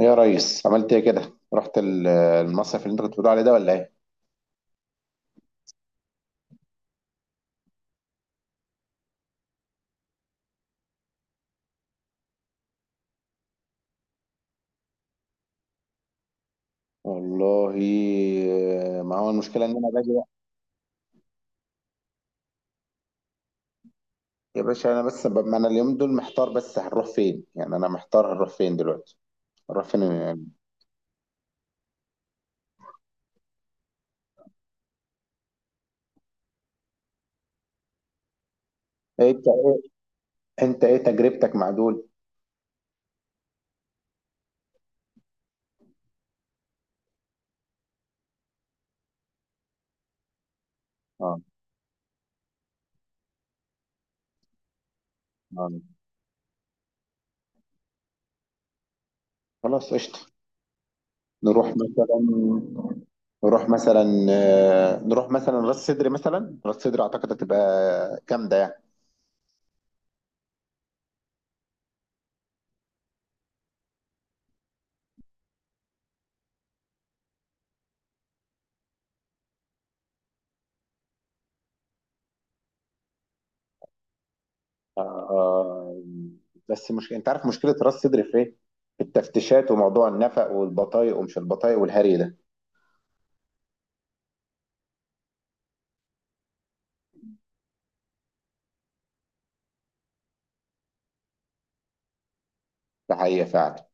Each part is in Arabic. ايه يا ريس عملت ايه كده رحت المصيف اللي انت كنت بتقول عليه ده ولا ايه؟ والله. ما هو المشكله ان انا باجي بقى. يا باشا انا بس ما انا اليوم دول محتار، بس هنروح فين؟ يعني انا محتار هنروح فين دلوقتي؟ هنروح فين يعني؟ إيه انت، انت ايه تجربتك مع دول؟ اه. آه. خلاص قشطه. نروح مثلا نروح مثلا، نروح مثلا راس سدر، مثلا راس سدر اعتقد هتبقى جامده يعني. آه، آه، بس مش انت عارف مشكله راس صدر في ايه؟ في التفتيشات وموضوع النفق والبطايق، ومش البطايق والهري ده. ده حقيقه فعلا.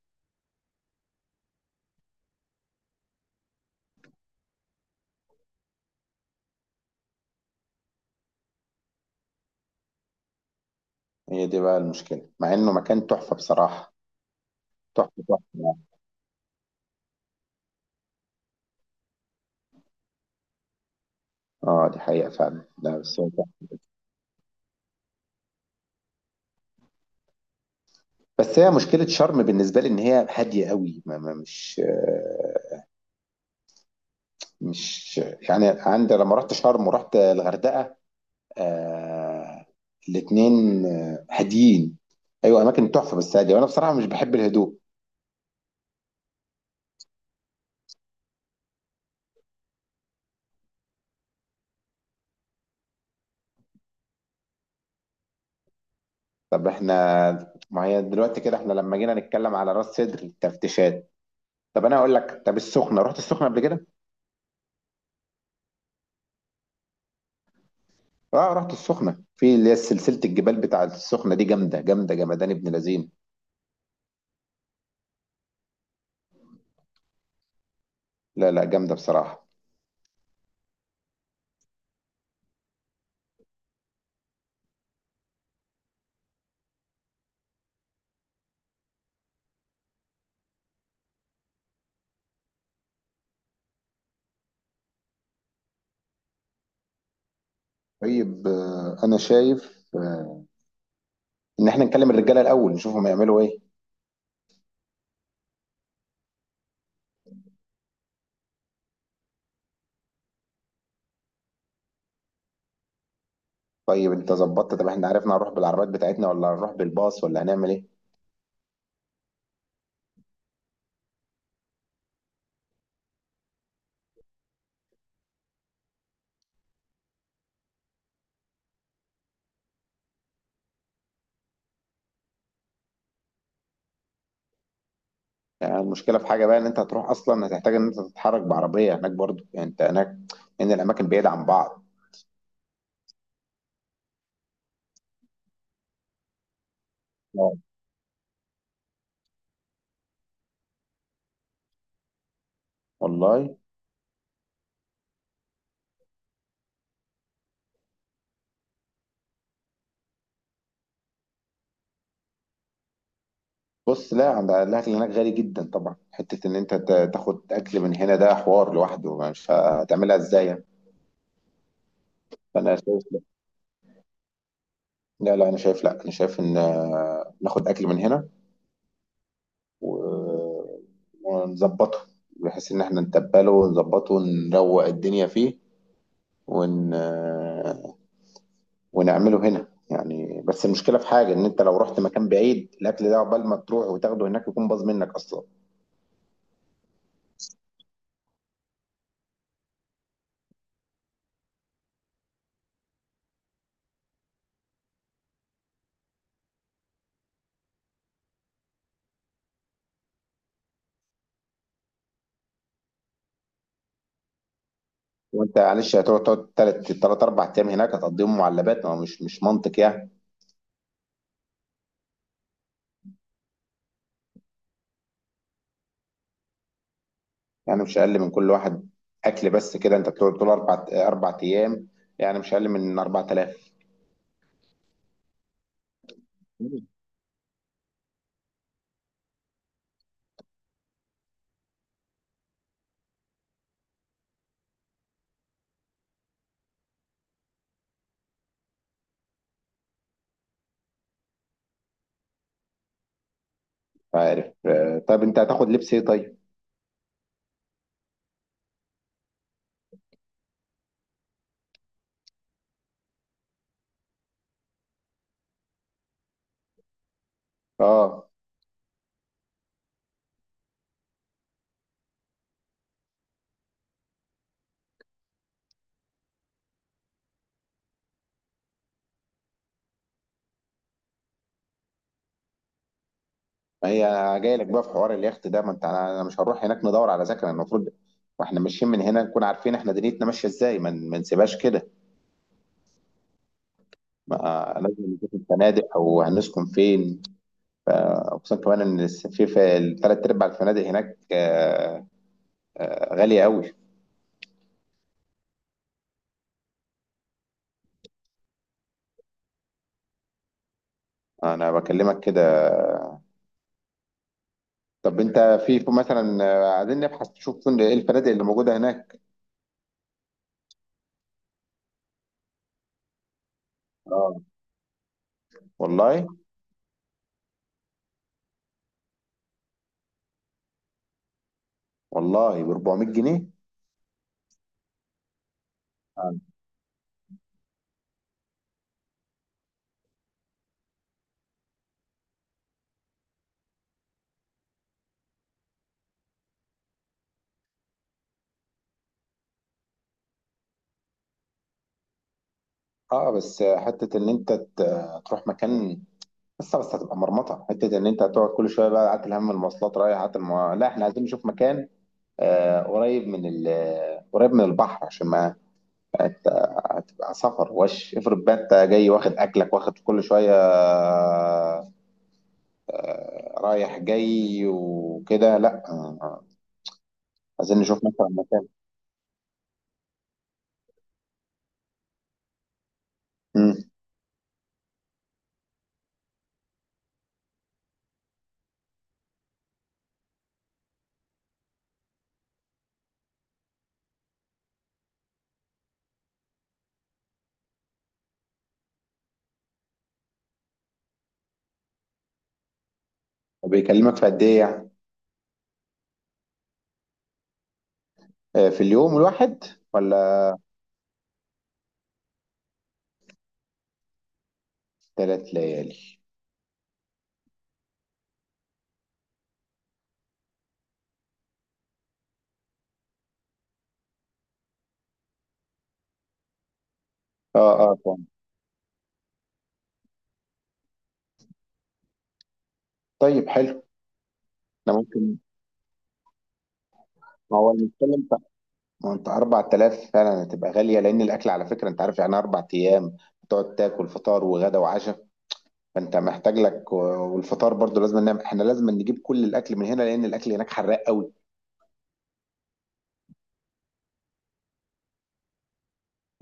هي دي بقى المشكله، مع انه مكان تحفه بصراحه. تحفه تحفه يعني. اه دي حقيقه فعلا، لا بس هو تحفة. بس هي مشكله شرم بالنسبه لي ان هي هاديه قوي ما مش، يعني عندي لما رحت شرم ورحت الغردقه، آه الاثنين هاديين. ايوه اماكن تحفه بس هاديه، وانا بصراحه مش بحب الهدوء. طب احنا، ما هي دلوقتي كده احنا لما جينا نتكلم على راس سدر التفتيشات. طب انا اقول لك، طب السخنه، رحت السخنه قبل كده؟ اه رحت السخنه، في اللي هي سلسله الجبال بتاعه السخنه دي، جامده جامده، جمدان ابن لذين. لا لا جامده بصراحه. طيب انا شايف ان احنا نكلم الرجاله الاول نشوفهم يعملوا ايه. طيب انت ظبطت؟ طب احنا عرفنا هنروح بالعربيات بتاعتنا ولا هنروح بالباص ولا هنعمل ايه؟ يعني المشكله في حاجه بقى، ان انت هتروح اصلا هتحتاج ان انت تتحرك بعربيه هناك برضو، يعني انت هناك ان الاماكن بعيده عن بعض. آه. والله. بص، لا عند الاكل هناك غالي جدا طبعا، حته ان انت تاخد اكل من هنا ده حوار لوحده مش هتعملها ازاي يعني. فانا شايف لا، لا لا انا شايف، لا انا شايف ان ناخد اكل من هنا، و- ونظبطه، بحيث ان احنا نتبله ونظبطه ونروق الدنيا فيه، ون... آه، ونعمله هنا يعني. بس المشكله في حاجه، ان انت لو رحت مكان بعيد الاكل ده عقبال ما تروح وتاخده هناك يكون باظ منك اصلا. وانت معلش هتقعد تقعد تلات تلات اربع ايام هناك هتقضيهم معلبات، ما هو مش منطق يعني. يعني مش اقل من كل واحد، اكل بس، كده انت بتقعد طول اربع ايام، يعني مش اقل من 4000. مش عارف طيب انت هتاخد لبس ايه طيب؟ اه. ما هي، جاي لك بقى في حوار اليخت ده، ما انت أنا مش هنروح هناك، ندور على سكن المفروض، واحنا ماشيين من هنا نكون عارفين احنا دنيتنا ماشيه ازاي، ما ما نسيبهاش كده. ما لازم نشوف الفنادق او هنسكن فين. فاقسم كمان ان في الثلاث ارباع الفنادق هناك غاليه قوي. انا بكلمك كده. طب انت، في مثلا عايزين نبحث نشوف ايه الفنادق اللي موجوده هناك. اه. والله. والله ب 400 جنيه. اه. بس حته ان انت تروح مكان، بس هتبقى مرمطه، حته ان انت هتقعد كل شويه بقى قعدت الهم المواصلات رايح، قعدت لا احنا عايزين نشوف مكان، آه قريب من ال... قريب من البحر عشان ما هتبقى سفر. وش افرض بقى انت جاي واخد اكلك واخد كل شويه، رايح جاي وكده، لا عايزين نشوف مثلا مكان. امم بيكلمك في قد ايه يعني؟ في اليوم الواحد ولا ثلاث ليالي؟ اه. اه طبعا. طيب حلو. احنا ممكن، ما هو المشكله انت، ما هو انت 4000 فعلا هتبقى غاليه لان الاكل على فكره انت عارف، يعني اربع ايام تقعد تاكل فطار وغدا وعشاء، فانت محتاج لك، والفطار برضو لازم نعمل، احنا لازم نجيب كل الاكل من هنا لان الاكل هناك حراق قوي.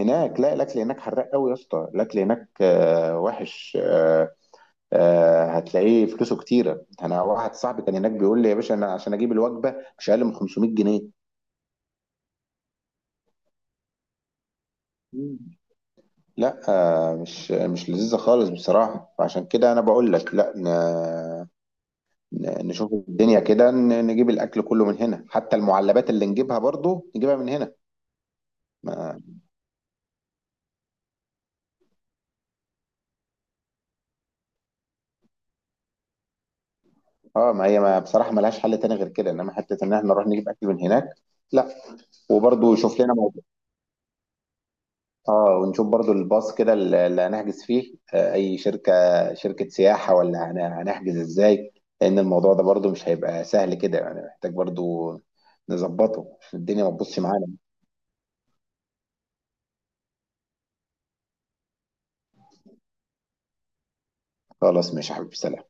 هناك لا، الاكل هناك حراق قوي يا اسطى، الاكل هناك وحش، هتلاقيه فلوسه كتيره. انا واحد صاحبي كان هناك بيقول لي يا باشا، انا عشان اجيب الوجبه مش اقل من 500 جنيه. مم. لا مش لذيذة خالص بصراحة. فعشان كده أنا بقول لك لا، نشوف الدنيا كده، نجيب الأكل كله من هنا حتى المعلبات اللي نجيبها برضو نجيبها من هنا. اه، ما هي ما بصراحه ملهاش حل تاني غير كده، انما حته ان احنا نروح نجيب اكل من هناك، لا. وبرضه شوف لنا موضوع. اه ونشوف برضه الباص كده اللي هنحجز فيه اي شركه، شركه سياحه ولا هنحجز ازاي؟ لان الموضوع ده برضه مش هيبقى سهل كده يعني، محتاج برضه نظبطه عشان الدنيا ما تبصش معانا. خلاص ماشي يا حبيبي، سلام.